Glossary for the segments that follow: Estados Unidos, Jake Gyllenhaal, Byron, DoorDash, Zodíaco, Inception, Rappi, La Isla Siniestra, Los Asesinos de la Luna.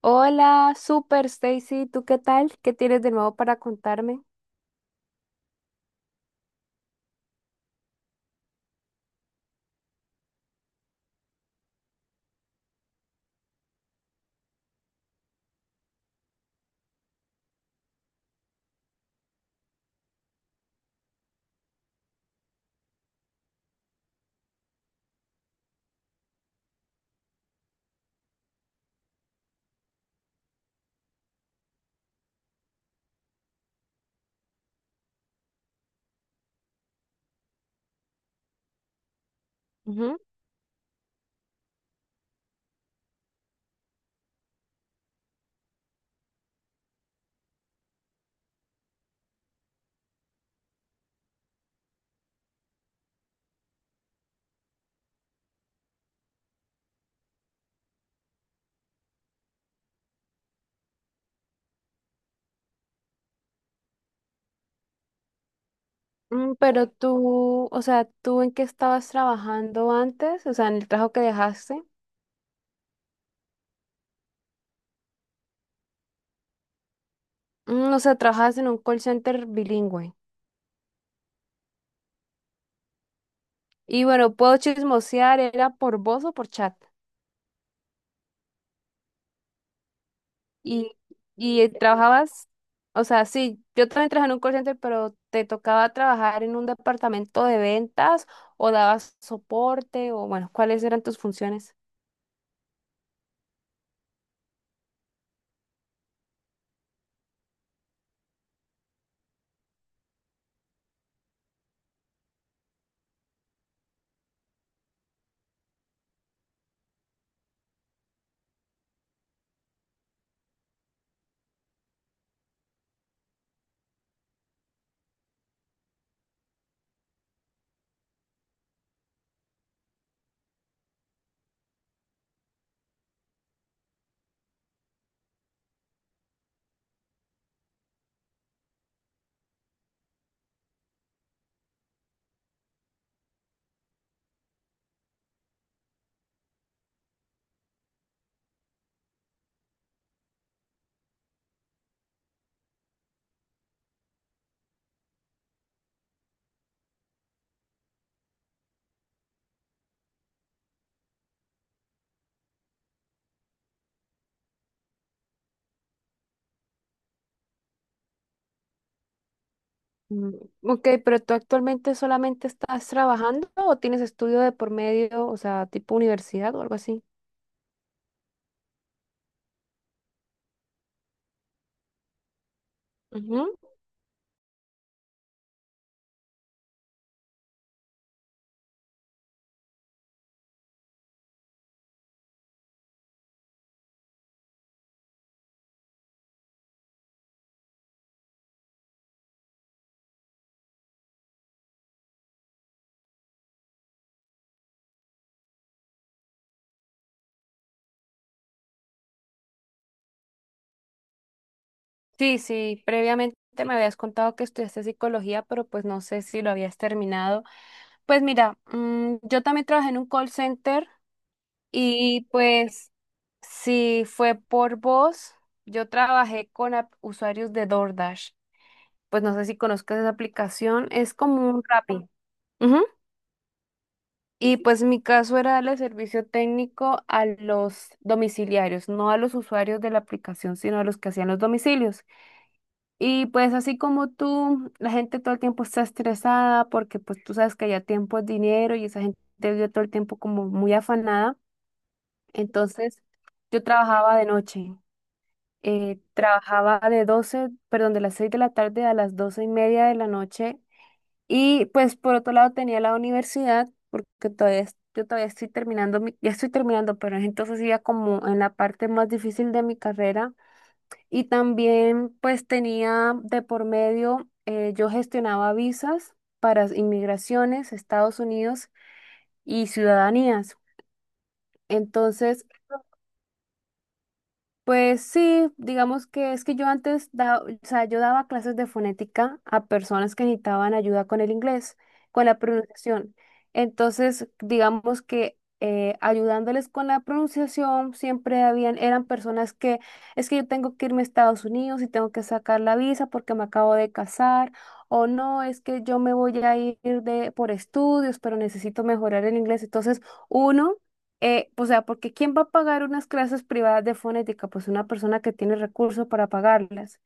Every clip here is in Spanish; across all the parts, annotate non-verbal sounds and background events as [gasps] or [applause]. Hola, super Stacy, ¿tú qué tal? ¿Qué tienes de nuevo para contarme? Ujú. Pero tú, o sea, ¿tú en qué estabas trabajando antes? O sea, en el trabajo que dejaste. O sea, trabajabas en un call center bilingüe. Y bueno, puedo chismosear, ¿era por voz o por chat? Y, y trabajabas, o sea, sí, yo también trabajé en un call center, pero ¿te tocaba trabajar en un departamento de ventas o dabas soporte o bueno, cuáles eran tus funciones? Mm. Ok, pero tú actualmente solamente estás trabajando o tienes estudio de por medio, o sea, tipo universidad o algo así. Ujú. Sí, sí, previamente me habías contado que estudiaste psicología, pero pues no sé si lo habías terminado. Pues mira, yo también trabajé en un call center y pues si fue por voz, yo trabajé con usuarios de DoorDash. Pues no sé si conozcas esa aplicación, es como un Rappi. Y pues mi caso era darle servicio técnico a los domiciliarios, no a los usuarios de la aplicación, sino a los que hacían los domicilios. Y pues así como tú, la gente todo el tiempo está estresada porque pues tú sabes que ya tiempo es dinero y esa gente vive todo el tiempo como muy afanada. Entonces yo trabajaba de noche, trabajaba de las 6 de la tarde a las 12:30 de la noche y pues por otro lado tenía la universidad, porque yo todavía estoy terminando, ya estoy terminando, pero entonces iba como en la parte más difícil de mi carrera. Y también pues tenía de por medio, yo gestionaba visas para inmigraciones, Estados Unidos y ciudadanías. Entonces pues sí, digamos que es que yo antes, o sea, yo daba clases de fonética a personas que necesitaban ayuda con el inglés, con la pronunciación. Entonces, digamos que ayudándoles con la pronunciación, siempre habían, eran personas que, es que yo tengo que irme a Estados Unidos y tengo que sacar la visa porque me acabo de casar, o no, es que yo me voy a ir de, por estudios, pero necesito mejorar el inglés. Entonces, uno o sea, porque ¿quién va a pagar unas clases privadas de fonética? Pues una persona que tiene recursos para pagarlas.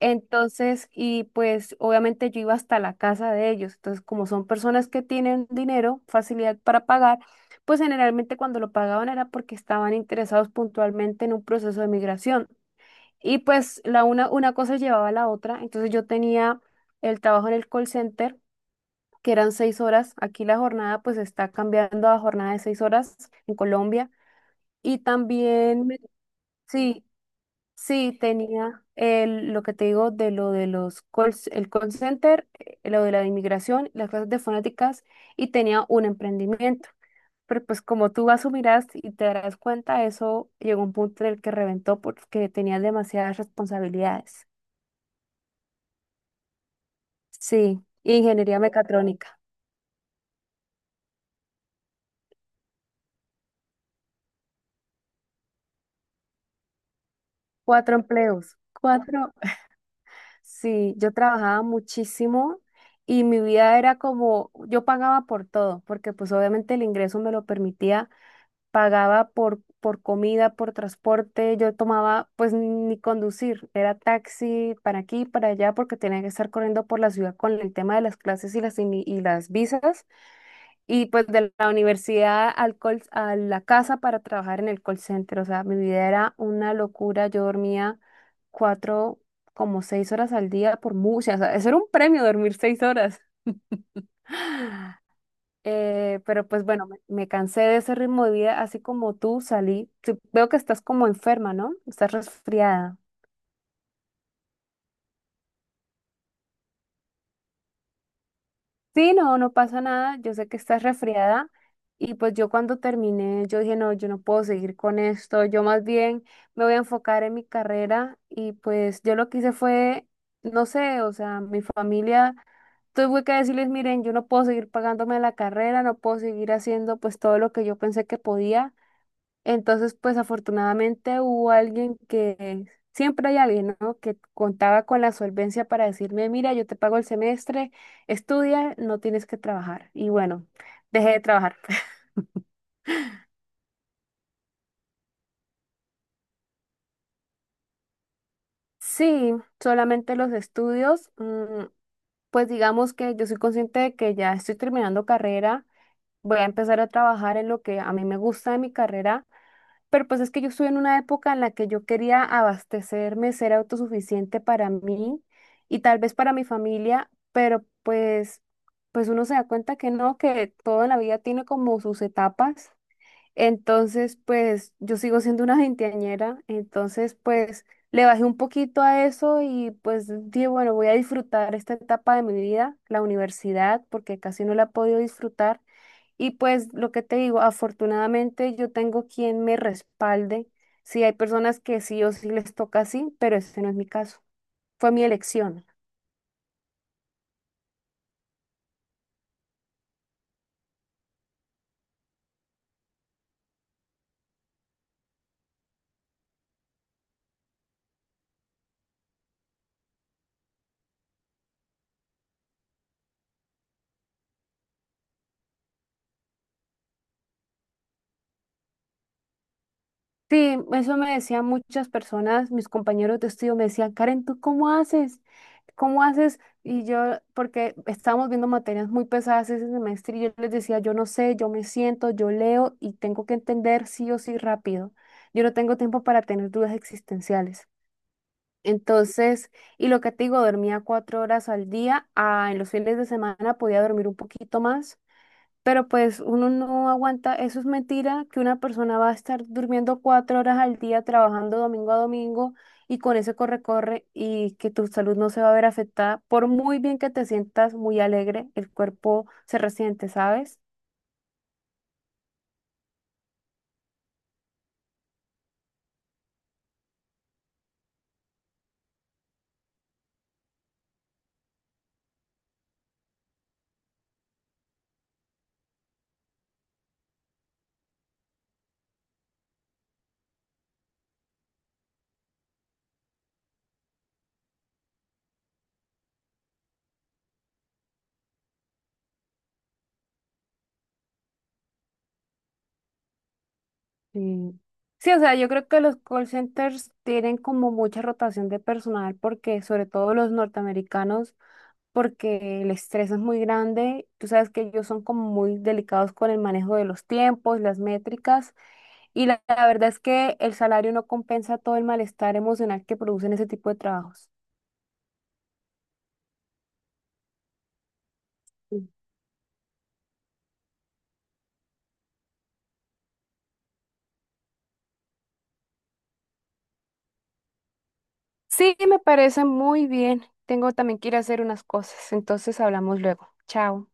Entonces, y pues obviamente yo iba hasta la casa de ellos. Entonces, como son personas que tienen dinero, facilidad para pagar, pues generalmente cuando lo pagaban era porque estaban interesados puntualmente en un proceso de migración. Y pues la una cosa llevaba a la otra. Entonces yo tenía el trabajo en el call center, que eran 6 horas. Aquí la jornada pues está cambiando a jornada de 6 horas en Colombia. Y también, sí, sí, tenía el, lo que te digo de lo de los call, el call center, lo de la inmigración, las clases de fonéticas y tenía un emprendimiento. Pero pues como tú asumirás y te darás cuenta, eso llegó a un punto en el que reventó porque tenía demasiadas responsabilidades. Sí, ingeniería mecatrónica, cuatro empleos, cuatro. Sí, yo trabajaba muchísimo y mi vida era como, yo pagaba por todo, porque pues obviamente el ingreso me lo permitía, pagaba por comida, por transporte, yo tomaba pues ni conducir, era taxi para aquí, para allá, porque tenía que estar corriendo por la ciudad con el tema de las clases y las, y las visas. Y pues de la universidad a la casa para trabajar en el call center. O sea, mi vida era una locura. Yo dormía cuatro, como 6 horas al día por muchas. O sea, eso era un premio dormir 6 horas. [gasps] [sighs] Pero pues bueno, me cansé de ese ritmo de vida, así como tú salí. Sí, veo que estás como enferma, ¿no? Estás resfriada. Sí, no, no pasa nada. Yo sé que estás resfriada y pues yo cuando terminé, yo dije, no, yo no puedo seguir con esto. Yo más bien me voy a enfocar en mi carrera y pues yo lo que hice fue, no sé, o sea, mi familia, tuve que decirles, miren, yo no puedo seguir pagándome la carrera, no puedo seguir haciendo pues todo lo que yo pensé que podía. Entonces, pues afortunadamente hubo alguien que, siempre hay alguien, ¿no? Que contaba con la solvencia para decirme, mira, yo te pago el semestre, estudia, no tienes que trabajar. Y bueno, dejé de trabajar. [laughs] Sí, solamente los estudios, pues digamos que yo soy consciente de que ya estoy terminando carrera, voy a empezar a trabajar en lo que a mí me gusta de mi carrera. Pero pues es que yo estuve en una época en la que yo quería abastecerme, ser autosuficiente para mí y tal vez para mi familia, pero pues, pues uno se da cuenta que no, que todo en la vida tiene como sus etapas. Entonces, pues yo sigo siendo una veinteañera, entonces pues le bajé un poquito a eso y pues dije, bueno, voy a disfrutar esta etapa de mi vida, la universidad, porque casi no la he podido disfrutar. Y pues lo que te digo, afortunadamente yo tengo quien me respalde. Sí, hay personas que sí o sí les toca así, pero este no es mi caso. Fue mi elección. Sí, eso me decían muchas personas, mis compañeros de estudio me decían, Karen, ¿tú cómo haces? ¿Cómo haces? Y yo, porque estábamos viendo materias muy pesadas ese semestre y yo les decía, yo no sé, yo me siento, yo leo y tengo que entender sí o sí rápido. Yo no tengo tiempo para tener dudas existenciales. Entonces, y lo que te digo, dormía 4 horas al día. Ah, en los fines de semana podía dormir un poquito más, pero pues uno no aguanta. Eso es mentira, que una persona va a estar durmiendo 4 horas al día, trabajando domingo a domingo y con ese corre-corre y que tu salud no se va a ver afectada. Por muy bien que te sientas muy alegre, el cuerpo se resiente, ¿sabes? Sí. Sí, o sea, yo creo que los call centers tienen como mucha rotación de personal porque sobre todo los norteamericanos porque el estrés es muy grande. Tú sabes que ellos son como muy delicados con el manejo de los tiempos, las métricas, y la verdad es que el salario no compensa todo el malestar emocional que producen ese tipo de trabajos. Sí. Sí, me parece muy bien. Tengo también que ir a hacer unas cosas, entonces hablamos luego. Chao.